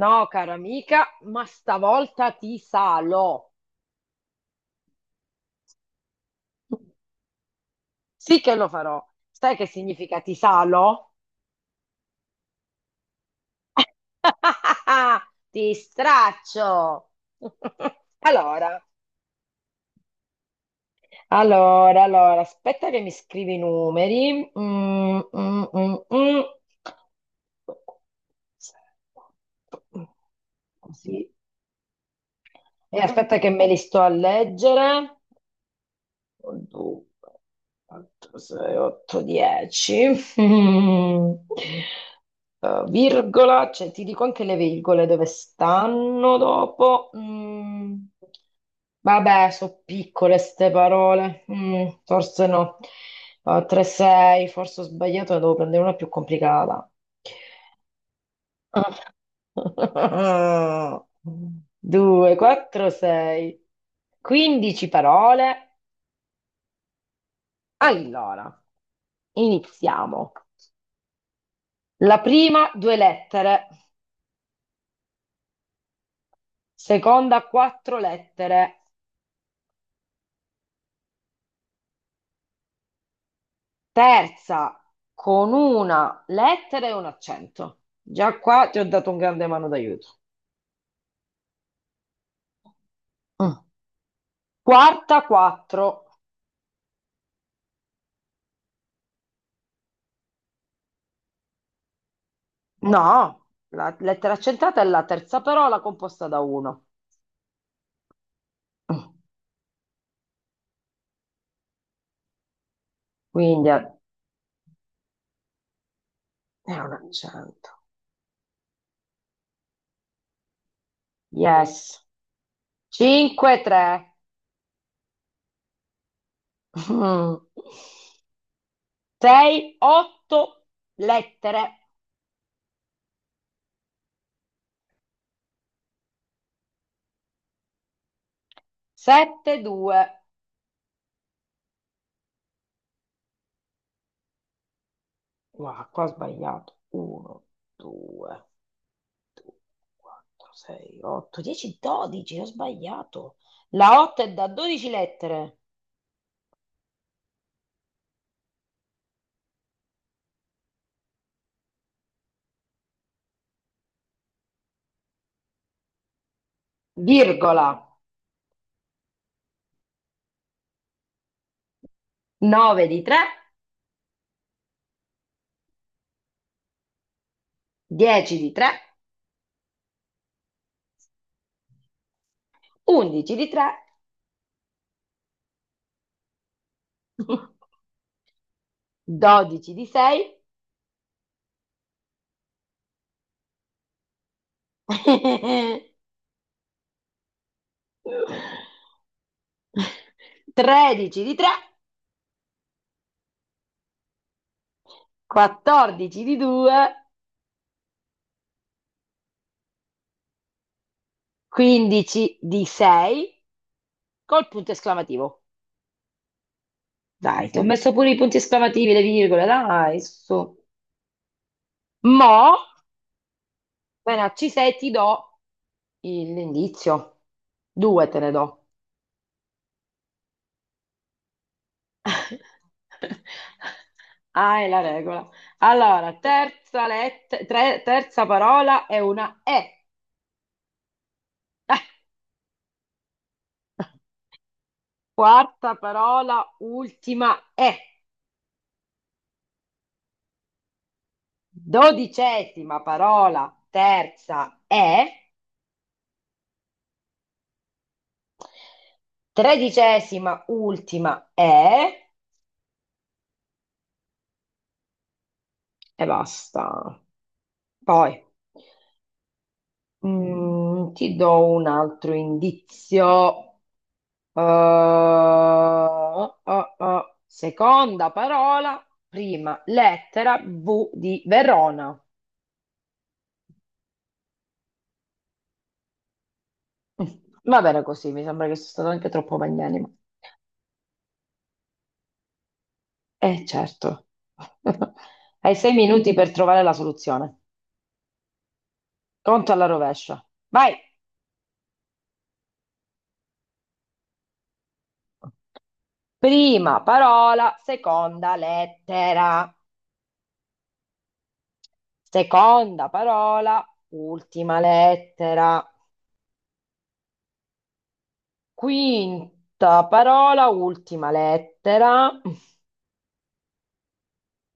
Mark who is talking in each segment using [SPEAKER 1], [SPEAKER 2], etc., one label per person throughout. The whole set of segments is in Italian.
[SPEAKER 1] No, cara amica, ma stavolta ti salo. Sì che lo farò. Sai che significa ti salo? Ti straccio. Allora, allora, aspetta che mi scrivi i numeri. Mm, mm, mm, mm. Così. E aspetta che me li sto a leggere. Dunque, 4, 6, 8, 10. Mm. Virgola, cioè ti dico anche le virgole dove stanno dopo. Mm. Vabbè, sono piccole ste parole. Forse no. 3, 6, forse ho sbagliato, ne devo prendere una più complicata. 2, 4, 6. 15 parole. Allora. Iniziamo. La prima due lettere, seconda quattro lettere, terza con una lettera e un accento. Già qua ti ho dato un grande mano d'aiuto. Mm. Quarta quattro. No, la lettera accentrata è la terza parola composta da uno. Mm. Quindi è un accento. Yes. 5 3. 6 8 lettere. 7 2. Guarda, qua ho sbagliato. 1, 2, 2, 4, 6, 8, 10, 12. Ho sbagliato. La 8 è da 12 lettere, virgola. 9 di 3, 10 di 3, 11 di 3, 12 di 6, 13 di 3, 14 di 2, 15 di 6, col punto esclamativo. Dai, ti ho messo pure i punti esclamativi e le virgole, dai, su. Mo, appena ci sei, ti do l'indizio. Due te ne do. Ah, è la regola. Allora, terza, terza parola è una E. Quarta parola, ultima E. Dodicesima parola, terza E. Tredicesima, ultima E. E basta. Poi ti do un altro indizio. Seconda parola, prima lettera V di Verona. Mm, Va bene così, mi sembra che sono stato anche troppo magnanimo. Certo. Hai 6 minuti per trovare la soluzione. Conto alla rovescia. Vai. Prima parola, seconda lettera. Seconda parola, ultima lettera. Quinta parola, ultima lettera.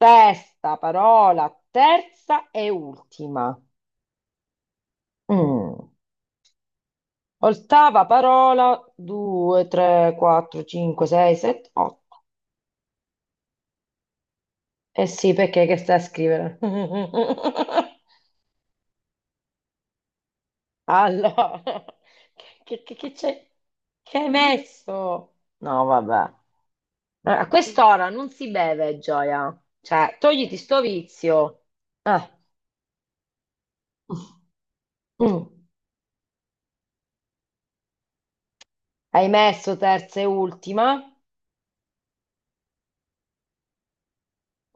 [SPEAKER 1] Sesta parola, terza e ultima. Mm. Ottava parola, 2, 3, 4, 5, 6, 7, 8. Eh sì, perché che stai a scrivere? Allora, che c'è? Che hai messo? No, vabbè. Allora, a quest'ora non si beve, Gioia. Cioè, togliti sto vizio. Eh. Mm. Mm. Hai messo terza e ultima,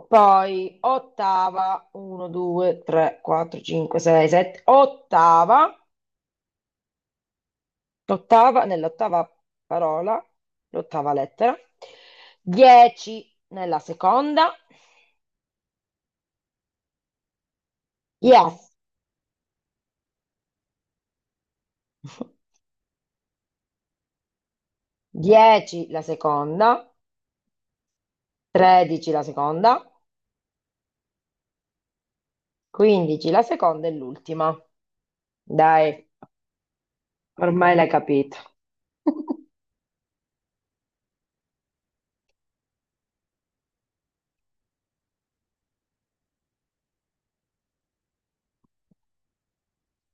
[SPEAKER 1] poi ottava, 1, 2, 3, 4, 5, 6, 7, ottava, nell'ottava parola, l'ottava lettera, 10 nella seconda, yes, 10 la seconda, 13 la seconda, 15 la seconda e l'ultima. Dai, ormai l'hai capito.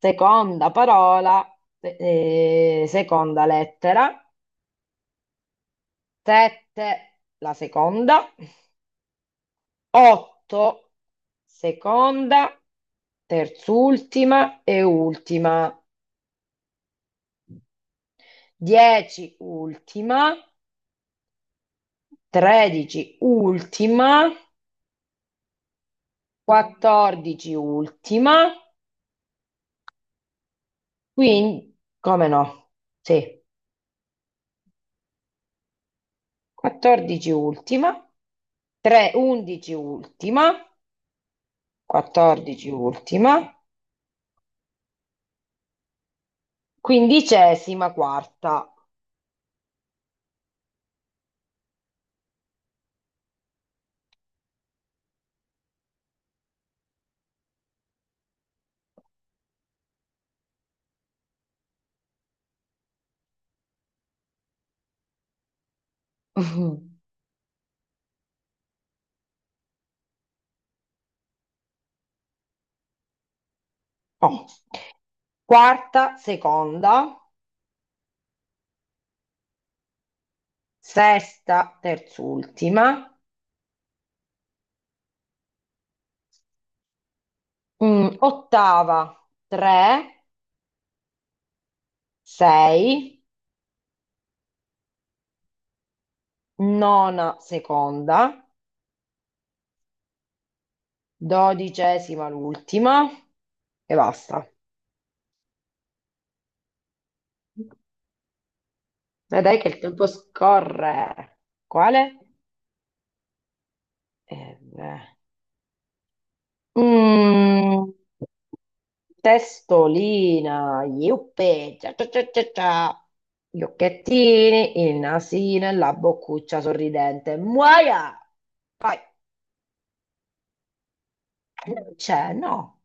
[SPEAKER 1] Seconda parola, seconda lettera, sette, la seconda, otto, seconda, terz'ultima e ultima, 10, ultima, 13, ultima, 14, ultima, quindi, come no? Sì, 14, ultima, tre, 11, ultima. 14 ultima, quindicesima quarta. Oh. Quarta seconda, sesta terzultima, ottava tre, sei, nona seconda, dodicesima l'ultima e basta. Vedrai che il tempo scorre. Quale? Beh. Mm. Testolina, iuppe, cia cia cia cia cia, gli occhettini, il nasino e la boccuccia sorridente. Muoia! Poi non c'è, no,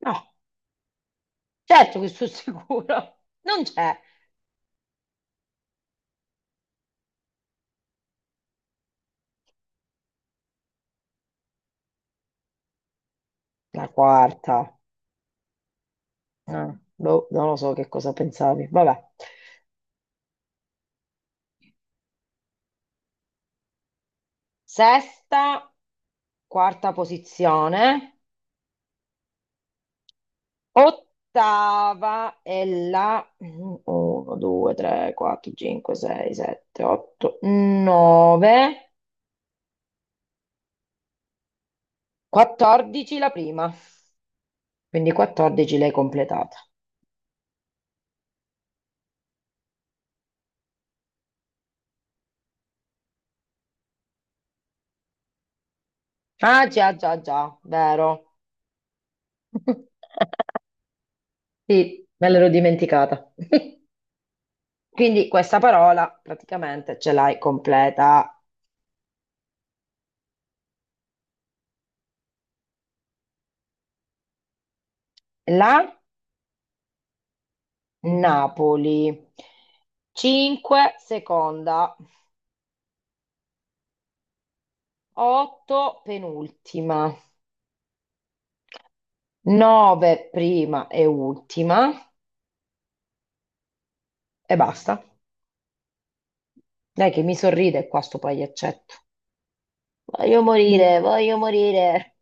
[SPEAKER 1] no, certo che sono sicuro, non c'è. La quarta, boh, non lo so che cosa pensavi, vabbè. Sesta, quarta posizione. Ottava è la 1, 2, 3, 4, 5, 6, 7, 8, 9, 14 la prima. Quindi 14 l'hai completata. Ah, già, già, già, vero. Sì, me l'ero dimenticata. Quindi questa parola praticamente ce l'hai completa. La Napoli. 5 seconda, 8 penultima. 9 prima e ultima e basta. Dai che mi sorride qua sto pagliaccetto. Voglio morire, voglio morire.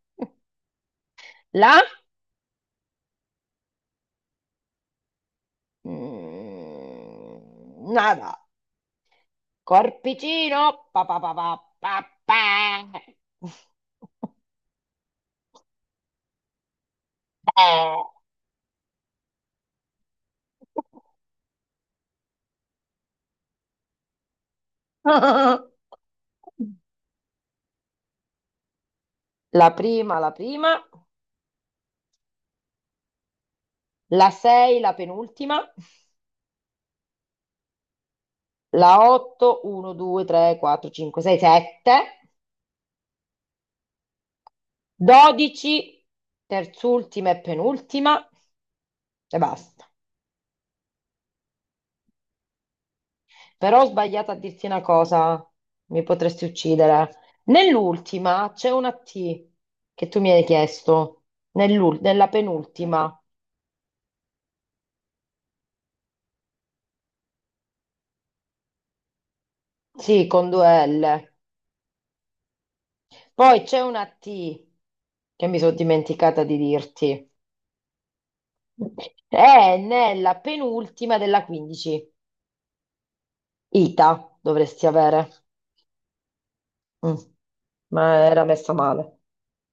[SPEAKER 1] La? Nada. Corpicino. Pa, pa, pa, pa, pa, pa. La prima, la prima. La 6, la penultima. La 8, 1, 2, 3, 4, 5, 6, 7. Dodici, terz'ultima e penultima e basta. Però ho sbagliato a dirti una cosa, mi potresti uccidere. Nell'ultima c'è una T che tu mi hai chiesto, nella penultima, sì, con due L. Poi c'è una T che mi sono dimenticata di dirti. È nella penultima della 15. Ita dovresti avere. Mm, ma era messa male.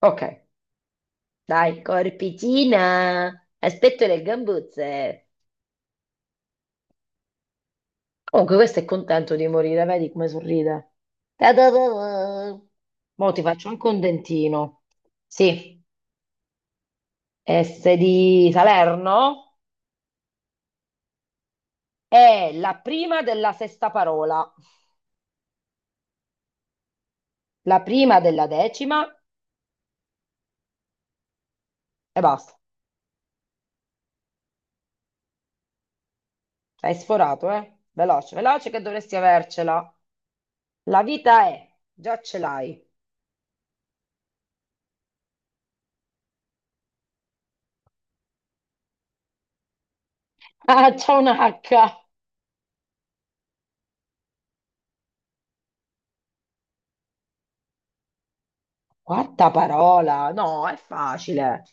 [SPEAKER 1] Ok. Dai, corpicina! Aspetto le gambuzze. Comunque, questo è contento di morire, vedi come sorride. Ta-da-da-da. Mo' ti faccio anche un dentino. Sì, S di Salerno è la prima della sesta parola, la prima della decima e basta. Hai sforato, eh? Veloce, veloce che dovresti avercela. La vita è, già ce l'hai. Ah, c'è un H. Quarta parola, no, è facile.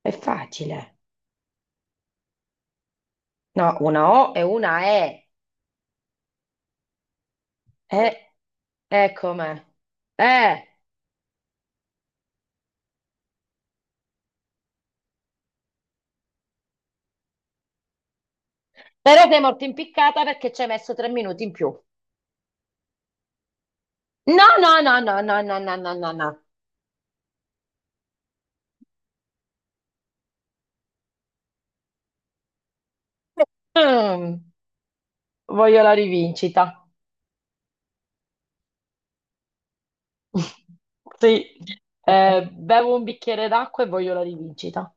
[SPEAKER 1] È facile. No, una O e una E. E, e come? Eh, però sei morto impiccata perché ci hai messo 3 minuti in più. No, no, no, no, no, no, no, no, no, no. Mm, voglio la rivincita. Sì, eh, bevo un bicchiere d'acqua e voglio la rivincita.